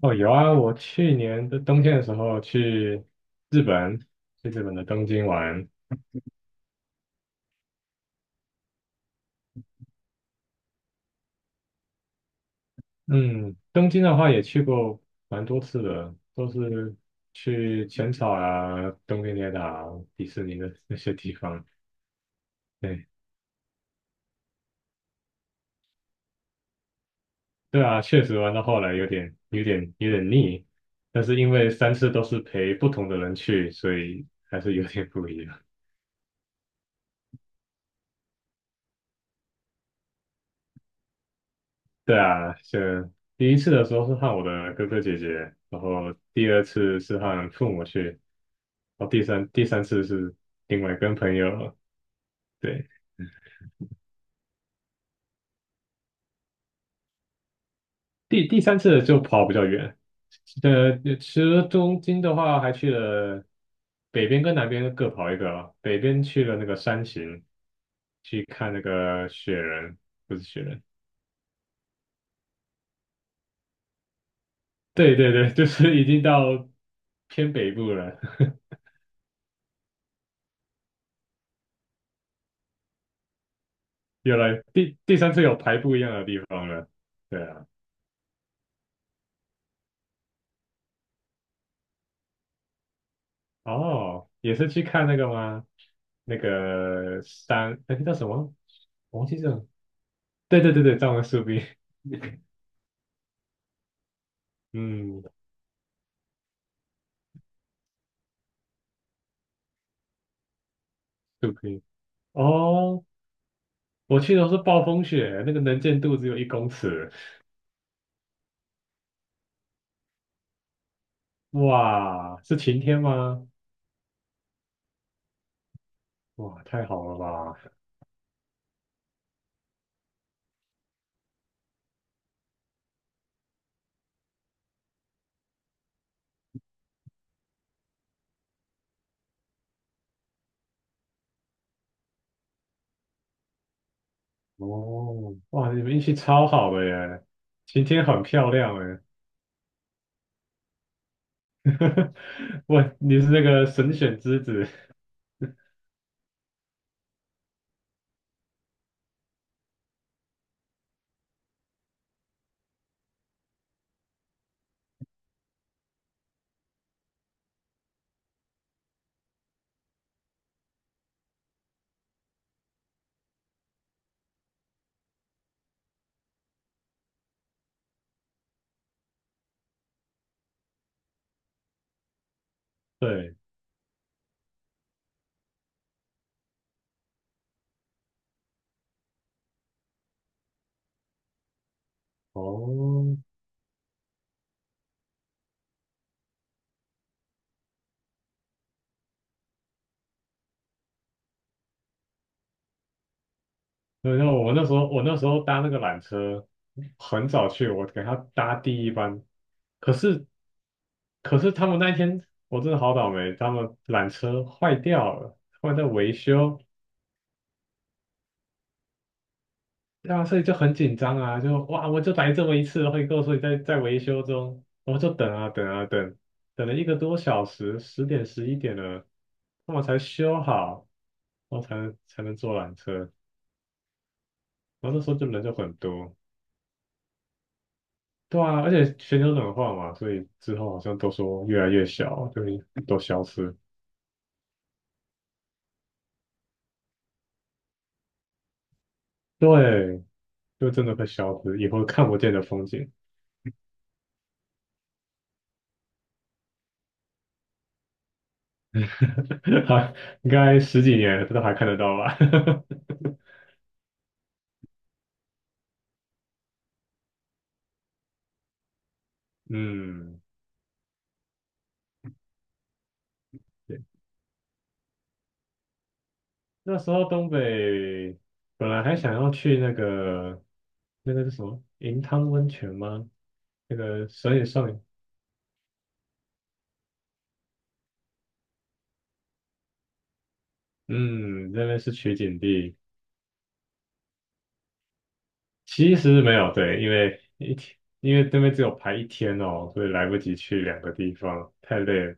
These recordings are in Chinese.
哦，有啊，我去年的冬天的时候日本，去日本的东京玩。嗯，东京的话也去过蛮多次的，都是去浅草啊、东京铁塔啊迪士尼的那些地方。对，对啊，确实玩到后来有点腻，但是因为三次都是陪不同的人去，所以还是有点不一样。对啊，第一次的时候是和我的哥哥姐姐，然后第二次是和父母去，哦，第三次是另外跟朋友，对，第三次就跑比较远，其实东京的话，还去了北边跟南边各跑一个啊，北边去了那个山形，去看那个雪人，不是雪人，对对对，就是已经到偏北部了，有了第三次有排不一样的地方了，对啊，哦，也是去看那个吗？那个山，哎那个叫什么？我忘记这对对对对，藏文树冰，嗯，树冰。哦，我去的是暴风雪，那个能见度只有1公尺。哇，是晴天吗？哇，太好了吧！哦，哇，你们运气超好的耶，晴天很漂亮耶。哇，你是那个神选之子。对，哦，对那我那时候搭那个缆车，很早去，我给他搭第一班，可是可是他们那一天我真的好倒霉，他们缆车坏掉了，他们在维修，对啊，所以就很紧张啊，就哇，我就来这么一次，会后你跟我说你在维修中，我就等啊等啊等，等了1个多小时，10点11点了，他们才修好，然后才能坐缆车，然后那时候就人就很多，对啊，而且全球暖化嘛，所以之后好像都说越来越小，就会都消失，对，就真的会消失，以后看不见的风景。还应该十几年这都还看得到吧？嗯，对，那时候东北本来还想要去那个是什么银汤温泉吗？那个所以上，嗯，那边是取景地，其实没有，对，因为那边只有排一天哦，所以来不及去2个地方，太累了。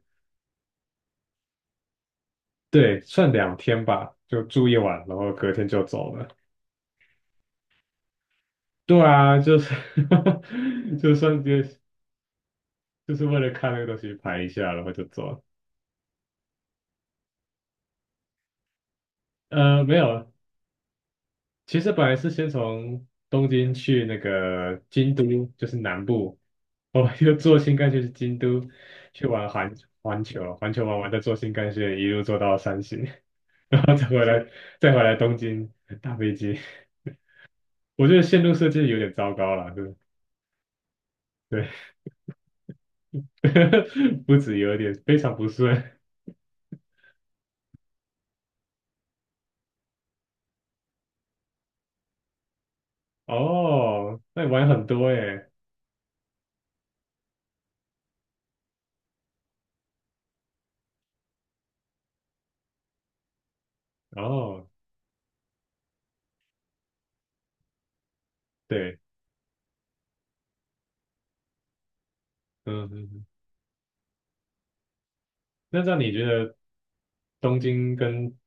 对，算2天吧，就住1晚，然后隔天就走了。对啊，就是 就算就就是为了看那个东西排一下，然后就走了。没有，其实本来是先从东京去那个京都，就是南部，哦，又坐新干线去京都，去玩环球玩完再坐新干线一路坐到山形，然后再回来东京搭飞机。我觉得线路设计有点糟糕了，对对，不止有点，非常不顺。哦，那你玩很多耶。哦，对，嗯嗯，嗯那这样你觉得？东京跟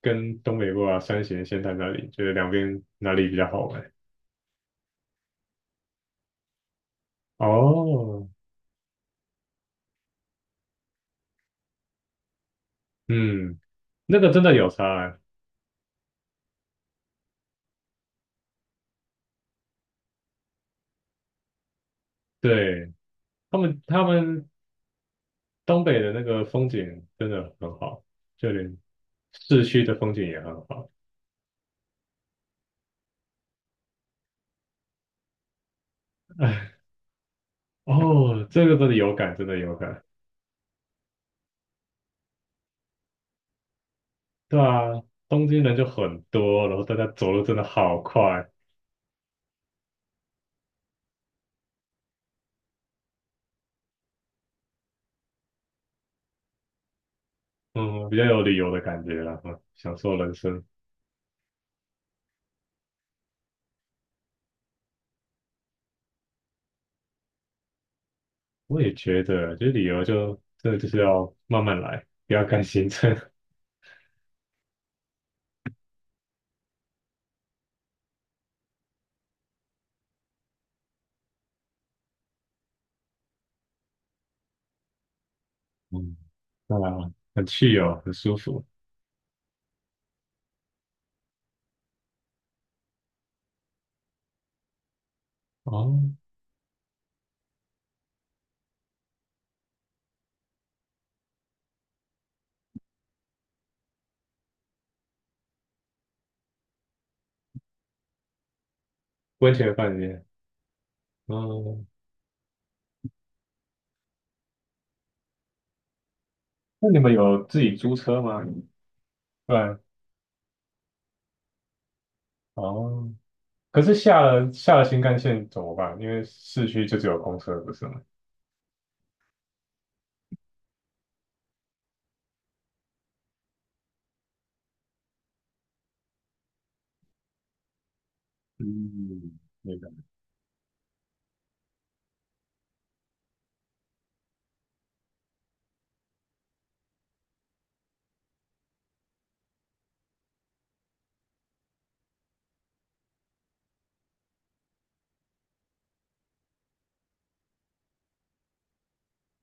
跟东北部啊，山形、仙台那里，觉得两边哪里比较好玩？哦，嗯，那个真的有差欸，对，他们东北的那个风景真的很好，就连市区的风景也很好。哦，这个真的有感，真的有感。对啊，东京人就很多，然后大家走路真的好快，嗯，比较有旅游的感觉啦，嗯享受人生。我也觉得，就是旅游就真的就是要慢慢来，不要赶行程。嗯，对啊，很去哦，很舒服。哦，温泉饭店。哦，那你们有自己租车吗？对，哦。可是下了新干线怎么办？因为市区就只有公车，不是吗？嗯，那个，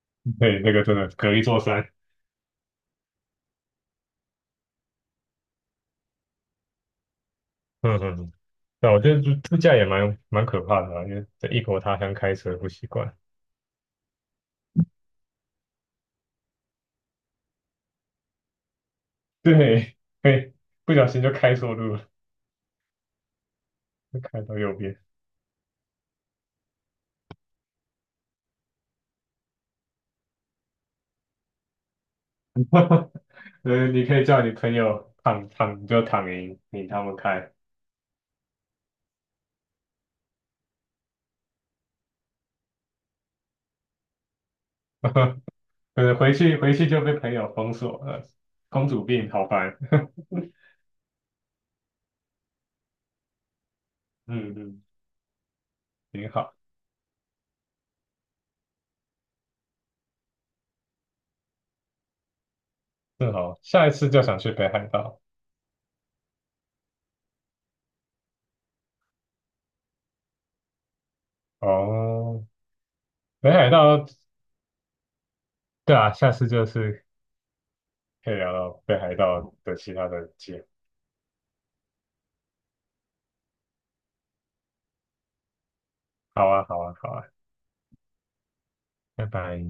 对，那个真的隔一座山。嗯嗯，嗯对。那我觉得自驾也蛮可怕的啊，因为在异国他乡开车不习惯。对，会不小心就开错路了。开到右边，你可以叫你朋友躺躺你就躺赢，你他们开，回去就被朋友封锁了，公主病，好烦，嗯嗯，挺好，正好下一次就想去北海道，哦，北海道，对啊，下次就是可以聊到北海道的其他的景，好啊，好啊，好啊，拜拜。